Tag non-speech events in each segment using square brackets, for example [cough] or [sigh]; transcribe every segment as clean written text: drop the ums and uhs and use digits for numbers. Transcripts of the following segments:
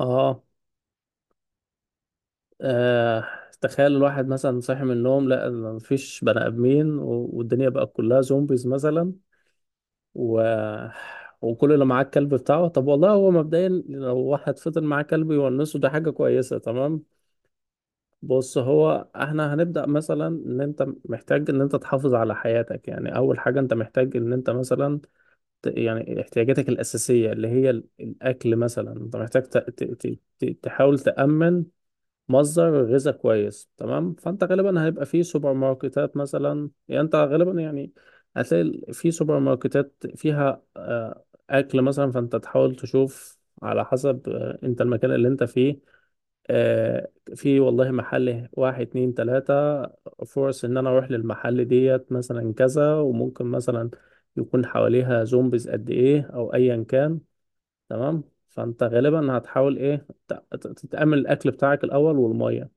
اه آه، تخيل الواحد مثلا صاحي من النوم، لا مفيش بني ادمين والدنيا بقى كلها زومبيز مثلا و... وكل اللي معاه الكلب بتاعه. طب والله هو مبدئيا لو واحد فضل معاه كلب يونسه ده حاجة كويسة. تمام. بص، هو احنا هنبدأ مثلا ان انت محتاج ان انت تحافظ على حياتك. يعني اول حاجة انت محتاج ان انت مثلا يعني احتياجاتك الأساسية اللي هي الأكل مثلا. انت محتاج تحاول تأمن مصدر غذاء كويس. تمام. فانت غالبا هيبقى في سوبر ماركتات مثلا، يعني انت غالبا يعني هتلاقي في سوبر ماركتات فيها اكل مثلا. فانت تحاول تشوف على حسب انت المكان اللي انت فيه في والله محل واحد اتنين تلاتة فرص ان انا اروح للمحل ديت مثلا كذا، وممكن مثلا يكون حواليها زومبيز قد ايه او ايا كان. تمام. فانت غالبا هتحاول ايه تتأمن الاكل بتاعك الاول والمية.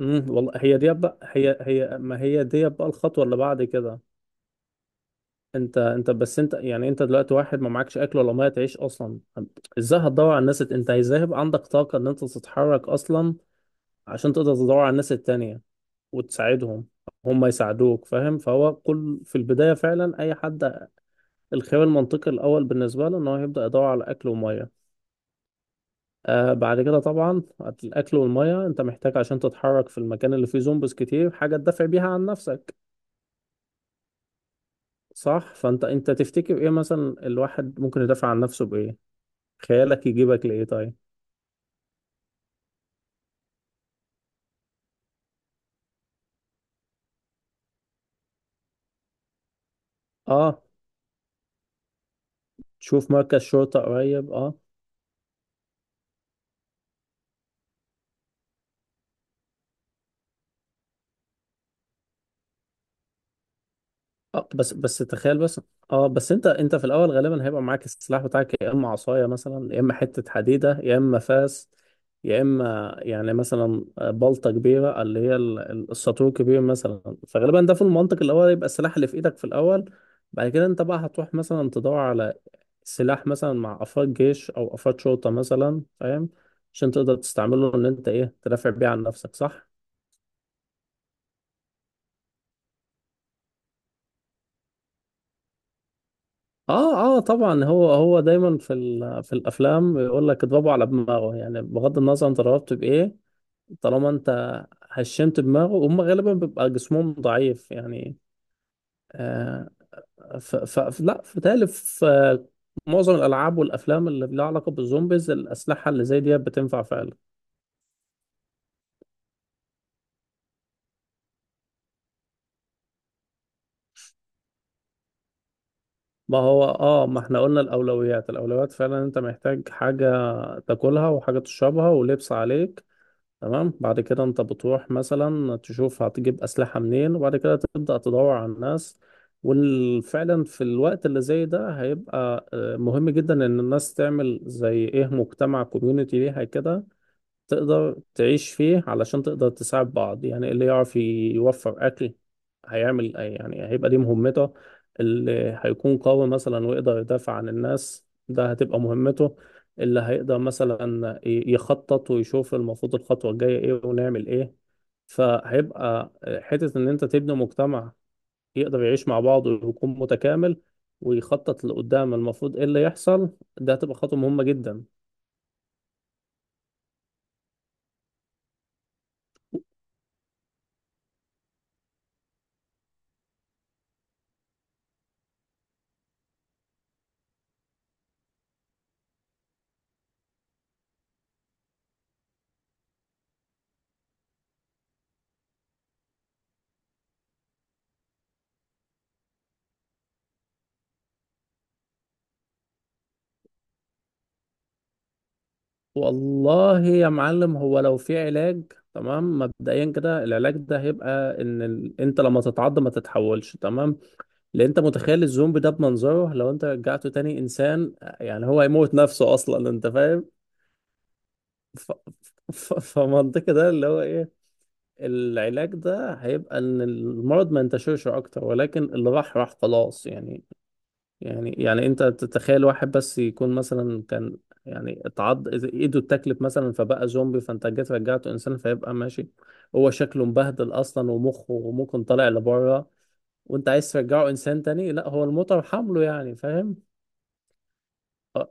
والله هي دي بقى هي هي ما هي دي بقى الخطوه اللي بعد كده. انت انت بس انت يعني انت دلوقتي واحد ما معكش اكل ولا ميه تعيش اصلا. طب ازاي هتدور على الناس انت ازاي هيبقى عندك طاقه ان انت تتحرك اصلا عشان تقدر تدور على الناس التانية وتساعدهم، هم يساعدوك؟ فاهم. فهو كل في البدايه فعلا اي حد الخيار المنطقي الاول بالنسبه له ان هو يبدا يدور على اكل وميه. بعد كده طبعا الاكل والميه انت محتاج عشان تتحرك في المكان اللي فيه زومبيز كتير حاجه تدافع بيها عن نفسك. صح، فانت تفتكر ايه مثلا الواحد ممكن يدافع عن نفسه بايه؟ خيالك يجيبك لايه؟ طيب. اه، تشوف مركز شرطة قريب. اه. اه، بس تخيل بس. اه، بس انت في الاول غالبا هيبقى معاك السلاح بتاعك يا اما عصاية مثلا يا اما حتة حديدة يا اما فاس يا اما يعني مثلا بلطة كبيرة، اللي هي الساطور كبير مثلا. فغالبا ده في المنطق الاول يبقى السلاح اللي في ايدك في الاول. بعد كده انت بقى هتروح مثلا تدور على سلاح مثلا مع افراد جيش او افراد شرطة مثلا، فاهم؟ عشان تقدر تستعمله ان انت ايه تدافع بيه عن نفسك، صح؟ اه، اه طبعا، هو دايما في في الافلام يقول لك اضربه على دماغه. يعني بغض النظر انت ضربت بايه طالما انت هشمت دماغه. هم غالبا بيبقى جسمهم ضعيف يعني. آه ف لا، في تالي في معظم الالعاب والافلام اللي لها علاقة بالزومبيز الاسلحة اللي زي دي بتنفع فعلا. ما هو ما احنا قلنا الاولويات، الاولويات فعلا انت محتاج حاجه تاكلها وحاجه تشربها ولبس عليك. تمام. بعد كده انت بتروح مثلا تشوف هتجيب اسلحه منين، وبعد كده تبدا تدور على الناس. وفعلا في الوقت اللي زي ده هيبقى مهم جدا ان الناس تعمل زي ايه مجتمع كوميونتي ليها كده تقدر تعيش فيه علشان تقدر تساعد بعض. يعني اللي يعرف يوفر أكل هيعمل يعني هيبقى دي مهمته. اللي هيكون قوي مثلا ويقدر يدافع عن الناس ده هتبقى مهمته. اللي هيقدر مثلا يخطط ويشوف المفروض الخطوة الجاية ايه ونعمل ايه. فهيبقى حتة ان انت تبني مجتمع يقدر يعيش مع بعضه ويكون متكامل ويخطط لقدام المفروض ايه اللي يحصل. ده هتبقى خطوة مهمة جدا. والله يا معلم، هو لو في علاج، تمام، مبدئيا كده العلاج ده هيبقى ان انت لما تتعض ما تتحولش. تمام. لان انت متخيل الزومبي ده بمنظره لو انت رجعته تاني انسان، يعني هو هيموت نفسه اصلا، انت فاهم. ف... فمنطقي ده اللي هو ايه، العلاج ده هيبقى ان المرض ما ينتشرش اكتر، ولكن اللي راح راح خلاص يعني. يعني انت تتخيل واحد بس يكون مثلا كان يعني اتعض ايده اتاكلت مثلا فبقى زومبي، فانت جيت رجعته انسان فيبقى ماشي. هو شكله مبهدل اصلا ومخه ممكن طالع لبره وانت عايز ترجعه انسان تاني، لا هو المطر حمله يعني، فاهم. اه،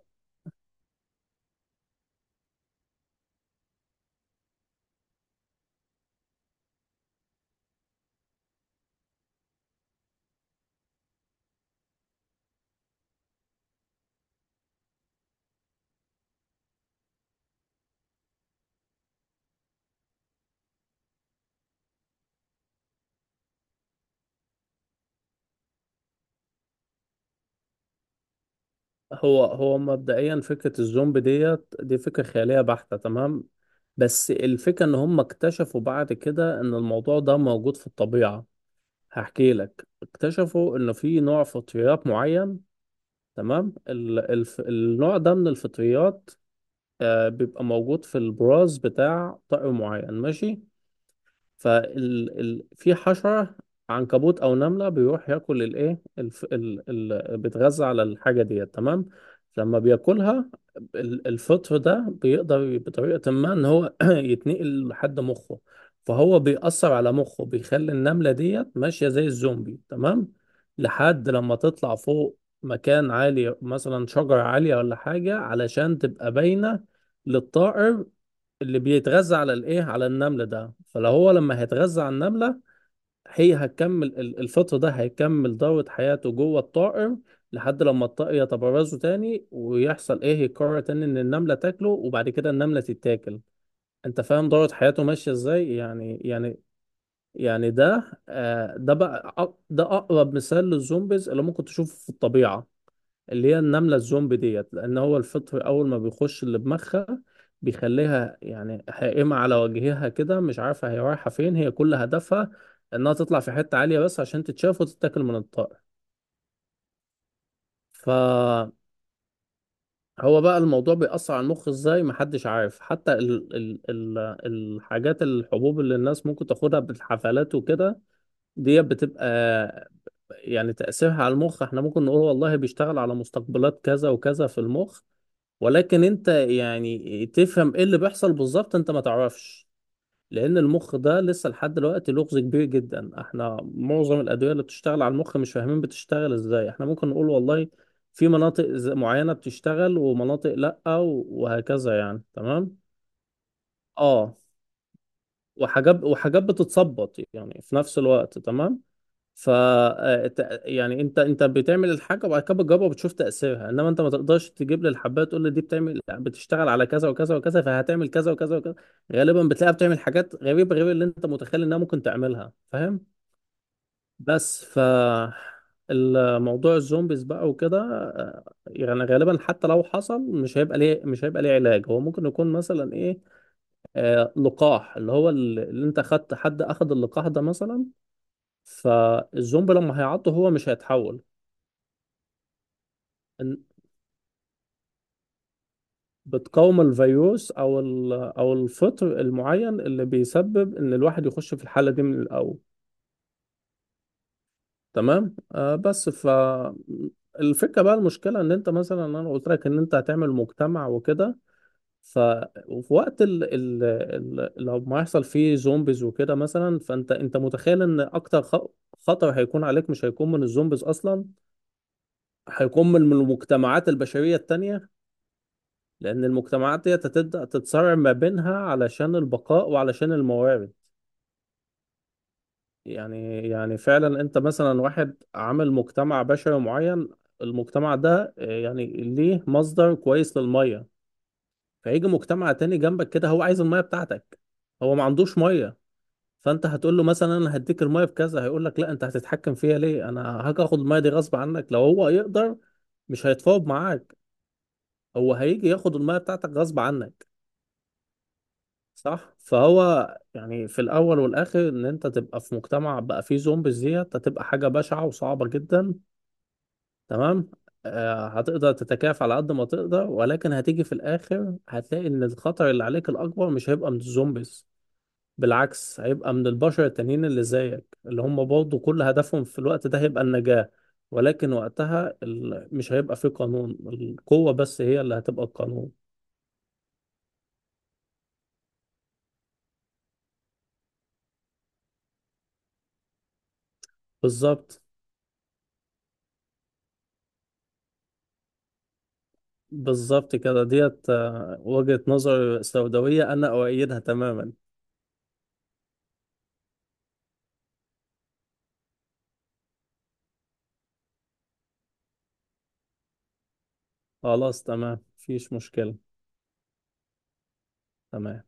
هو مبدئيا فكرة الزومبي ديت دي فكرة خيالية بحتة. تمام. بس الفكرة ان هم اكتشفوا بعد كده ان الموضوع ده موجود في الطبيعة. هحكي لك، اكتشفوا ان في نوع فطريات معين. تمام. النوع ده من الفطريات بيبقى موجود في البراز بتاع طائر معين، ماشي. في حشرة عنكبوت أو نملة بيروح ياكل الإيه بيتغذى على الحاجة ديت. تمام. لما بياكلها الفطر ده بيقدر بطريقة ما إن هو [clears throat] يتنقل لحد مخه. فهو بيأثر على مخه، بيخلي النملة ديت ماشية زي الزومبي. تمام. لحد لما تطلع فوق مكان عالي مثلا شجرة عالية ولا حاجة علشان تبقى باينة للطائر اللي بيتغذى على الايه على النمل ده. فلو هو لما هيتغذى على النملة هي هتكمل الفطر ده هيكمل دورة حياته جوه الطائر لحد لما الطائر يتبرزه تاني ويحصل ايه يقرر تاني ان النملة تاكله، وبعد كده النملة تتاكل. انت فاهم دورة حياته ماشية ازاي، يعني ده آه ده بقى ده اقرب مثال للزومبيز اللي ممكن تشوفه في الطبيعة، اللي هي النملة الزومبي ديت. لأن هو الفطر أول ما بيخش اللي بمخها بيخليها يعني حائمة على وجهها كده مش عارفة هي رايحة فين. هي كل هدفها إنها تطلع في حتة عالية بس عشان تتشاف وتتاكل من الطائر. فهو بقى الموضوع بيأثر على المخ إزاي محدش عارف. حتى ال ال ال الحاجات الحبوب اللي الناس ممكن تاخدها بالحفلات وكده دي بتبقى يعني تأثيرها على المخ احنا ممكن نقول والله بيشتغل على مستقبلات كذا وكذا في المخ. ولكن انت يعني تفهم ايه اللي بيحصل بالظبط انت ما تعرفش. لان المخ ده لسه لحد دلوقتي لغز كبير جدا. احنا معظم الادويه اللي بتشتغل على المخ مش فاهمين بتشتغل ازاي. احنا ممكن نقول والله في مناطق معينه بتشتغل ومناطق لا وهكذا يعني. تمام. اه، وحاجات بتتظبط يعني في نفس الوقت. تمام. ف يعني انت بتعمل الحاجه وبعد كده بتجربها وبتشوف تاثيرها، انما انت ما تقدرش تجيب لي الحبايه تقول لي دي بتعمل بتشتغل على كذا وكذا وكذا فهتعمل كذا وكذا وكذا. غالبا بتلاقيها بتعمل حاجات غريبه غير اللي انت متخيل انها ممكن تعملها، فاهم. بس ف الموضوع الزومبيز بقى وكده يعني غالبا حتى لو حصل مش هيبقى ليه، مش هيبقى ليه علاج. هو ممكن يكون مثلا ايه آه لقاح اللي هو اللي انت خدت، حد اخد اللقاح ده مثلا فالزومبي لما هيعضه هو مش هيتحول. إن- بتقاوم الفيروس او او الفطر المعين اللي بيسبب ان الواحد يخش في الحاله دي من الاول. تمام. آه بس ف الفكره بقى، المشكله ان انت مثلا انا قلت لك ان انت هتعمل مجتمع وكده، ف وفي وقت لو ما يحصل فيه زومبيز وكده مثلا فانت متخيل ان اكتر خطر هيكون عليك مش هيكون من الزومبيز اصلا. هيكون من المجتمعات البشريه التانيه. لأن المجتمعات دي تبدأ تتصارع ما بينها علشان البقاء وعلشان الموارد. يعني فعلا أنت مثلا واحد عامل مجتمع بشري معين، المجتمع ده يعني ليه مصدر كويس للمية. فيجي مجتمع تاني جنبك كده هو عايز المية بتاعتك. هو ما عندوش مية. فأنت هتقول له مثلا أنا هديك المية بكذا، هيقول لك لا أنت هتتحكم فيها ليه، أنا هاجي آخد المية دي غصب عنك لو هو يقدر. مش هيتفاوض معاك. هو هيجي ياخد المية بتاعتك غصب عنك. صح، فهو يعني في الاول والاخر ان انت تبقى في مجتمع بقى فيه زومبيز ديت هتبقى حاجه بشعه وصعبه جدا. تمام. آه هتقدر تتكافى على قد ما تقدر، ولكن هتيجي في الاخر هتلاقي ان الخطر اللي عليك الاكبر مش هيبقى من الزومبيز. بالعكس هيبقى من البشر التانيين اللي زيك اللي هم برضه كل هدفهم في الوقت ده هيبقى النجاه. ولكن وقتها مش هيبقى فيه قانون. القوه بس هي اللي هتبقى القانون. بالظبط. بالظبط كده ديت، وجهة نظر سوداوية أنا أؤيدها تماما. خلاص، تمام مفيش مشكلة. تمام.